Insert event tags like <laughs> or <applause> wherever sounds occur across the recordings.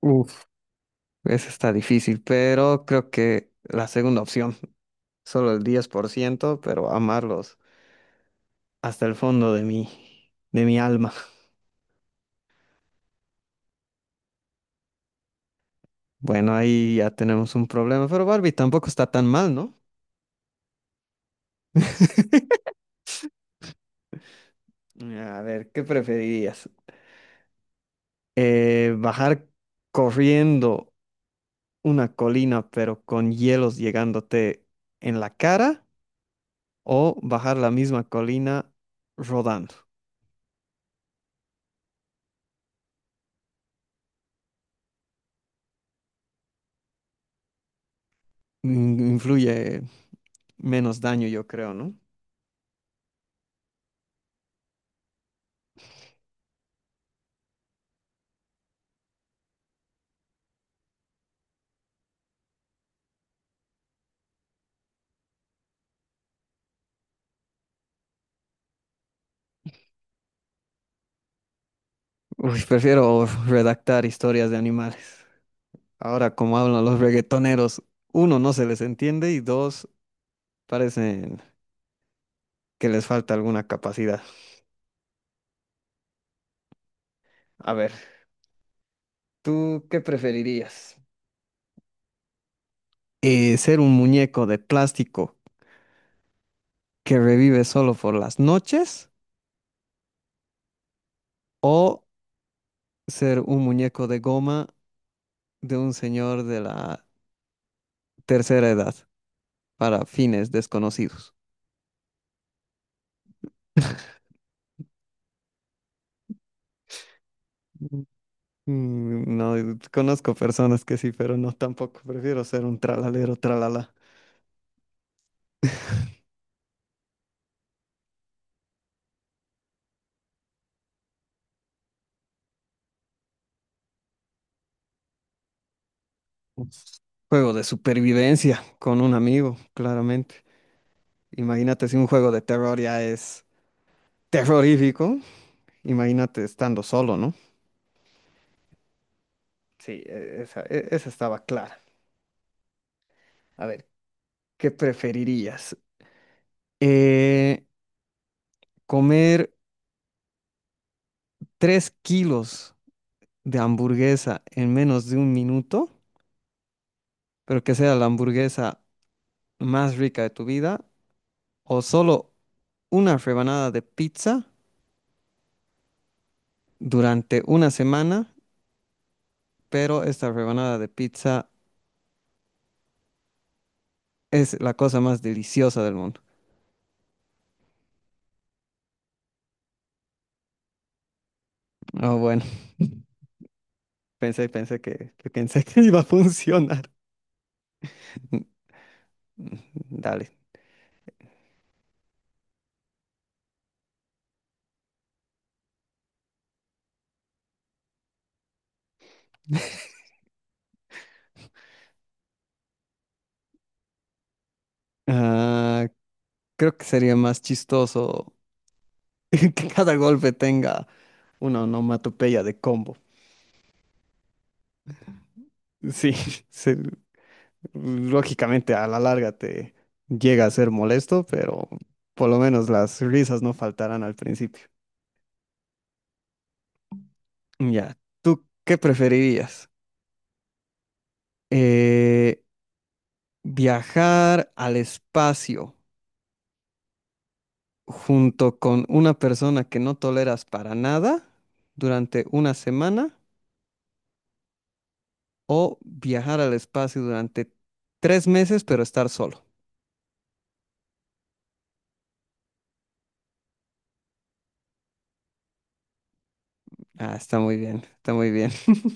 Uf, esa está difícil, pero creo que la segunda opción, solo el 10%, pero amarlos hasta el fondo de mi alma. Bueno, ahí ya tenemos un problema, pero Barbie tampoco está tan mal, ¿no? <laughs> A ver, ¿qué preferirías? ¿Bajar corriendo una colina pero con hielos llegándote en la cara o bajar la misma colina rodando? Influye menos daño, yo creo, ¿no? Uy, prefiero redactar historias de animales. Ahora, como hablan los reggaetoneros, uno, no se les entiende y dos, parecen que les falta alguna capacidad. A ver, ¿tú qué preferirías? ¿Ser un muñeco de plástico que revive solo por las noches o ser un muñeco de goma de un señor de la tercera edad para fines desconocidos? No, y conozco personas que sí, pero no tampoco. Prefiero ser un tralalero, tralala. Un juego de supervivencia con un amigo, claramente. Imagínate si un juego de terror ya es terrorífico. Imagínate estando solo, ¿no? Sí, esa, esa estaba clara. A ver, ¿qué preferirías? Eh, ¿Comer 3 kilos de hamburguesa en menos de un minuto, pero que sea la hamburguesa más rica de tu vida? O solo una rebanada de pizza durante una semana, pero esta rebanada de pizza es la cosa más deliciosa del mundo. Oh, bueno, <laughs> pensé que <laughs> iba a funcionar. <laughs> N- n- Dale. Ah, creo que sería más chistoso <laughs> que cada golpe tenga una onomatopeya de combo. Sí, <laughs> se- lógicamente a la larga te llega a ser molesto, pero por lo menos las risas no faltarán al principio. Ya, ¿tú qué preferirías? Eh, ¿Viajar al espacio junto con una persona que no toleras para nada durante una semana o viajar al espacio durante 3 meses pero estar solo? Ah, está muy bien, está muy bien. <laughs>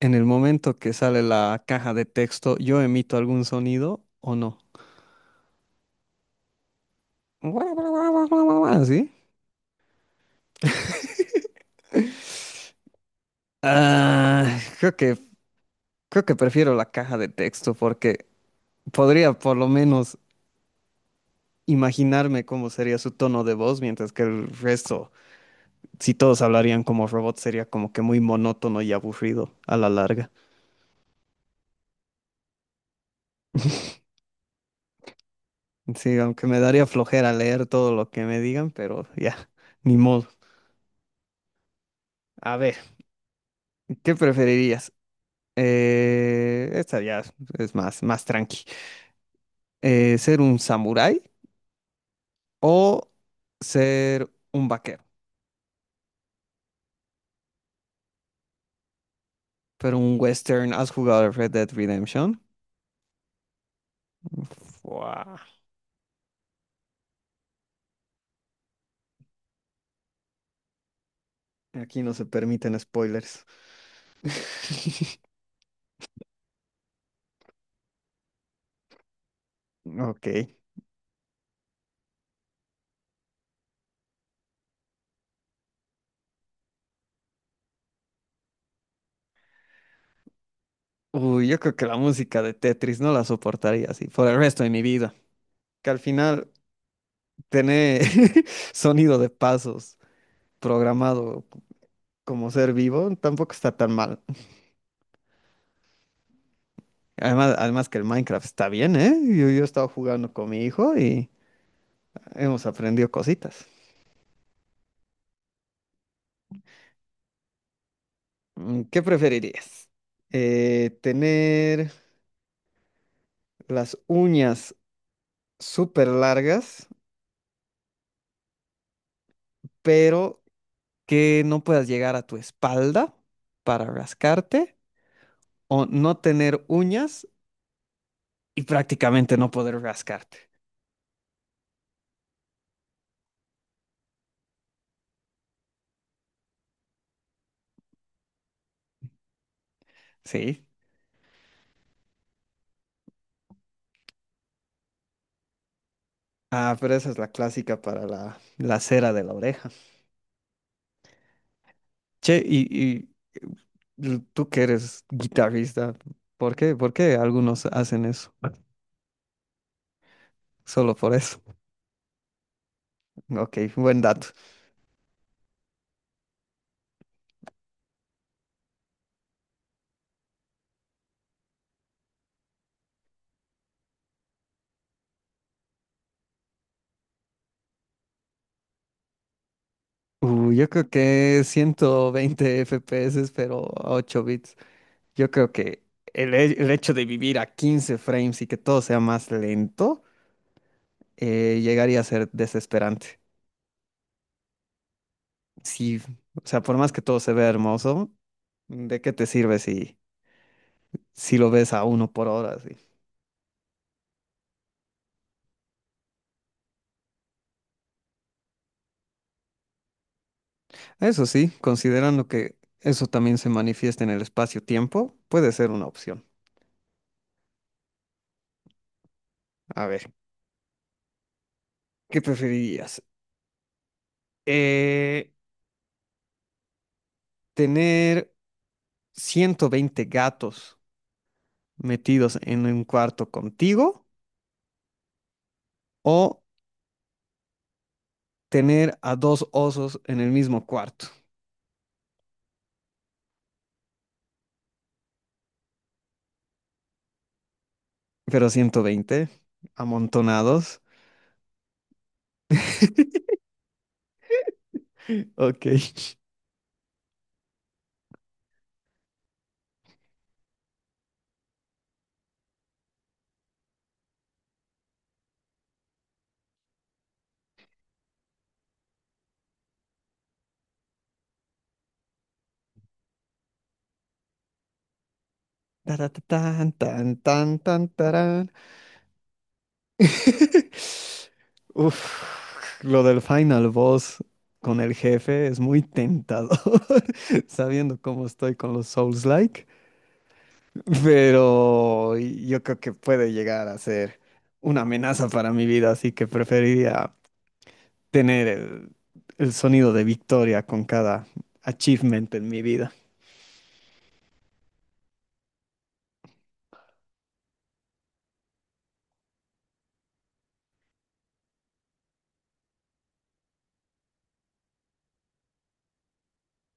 En el momento que sale la caja de texto, ¿yo emito algún sonido o no? <laughs> ¿Así? Ah, creo que prefiero la caja de texto porque podría por lo menos imaginarme cómo sería su tono de voz, mientras que el resto, si todos hablarían como robots, sería como que muy monótono y aburrido a la larga. <laughs> Sí, aunque me daría flojera leer todo lo que me digan, pero ya, ni modo. A ver, ¿qué preferirías? Esta ya es más tranqui. ¿Ser un samurái o ser un vaquero? Pero un western, ¿has jugado Red Dead Redemption? Uf, aquí no se permiten spoilers. <laughs> Ok. Uy, yo creo que la música de Tetris no la soportaría así por el resto de mi vida. Que al final tener <laughs> sonido de pasos programado c- como ser vivo tampoco está tan mal. Además, además que el Minecraft está bien, ¿eh? Yo he estado jugando con mi hijo y hemos aprendido cositas. ¿Qué preferirías? ¿Tener las uñas súper largas, pero que no puedas llegar a tu espalda para rascarte o no tener uñas y prácticamente no poder rascarte, ¿sí? Ah, pero esa es la clásica para la cera de la oreja. Che, tú que eres guitarrista, ¿por qué? ¿Por qué algunos hacen eso? Solo por eso. Ok, buen dato. Yo creo que 120 FPS, pero a 8 bits. Yo creo que el hecho de vivir a 15 frames y que todo sea más lento llegaría a ser desesperante. Sí, o sea, por más que todo se vea hermoso, ¿de qué te sirve si lo ves a uno por hora? ¿Así? Eso sí, considerando que eso también se manifiesta en el espacio-tiempo, puede ser una opción. A ver, ¿qué preferirías? Eh, ¿Tener 120 gatos metidos en un cuarto contigo o tener a dos osos en el mismo cuarto, pero 120 amontonados? <laughs> Ok. Taratatán, tan, tan, tan, tarán. <laughs> Uf, lo del final boss con el jefe es muy tentador, <laughs> sabiendo cómo estoy con los Souls-like, pero yo creo que puede llegar a ser una amenaza para mi vida, así que preferiría tener el sonido de victoria con cada achievement en mi vida.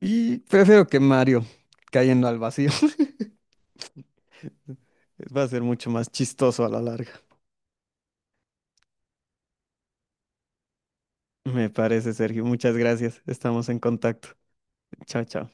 Y prefiero que Mario cayendo al vacío. <laughs> Va a ser mucho más chistoso a la larga. Me parece, Sergio. Muchas gracias. Estamos en contacto. Chao, chao.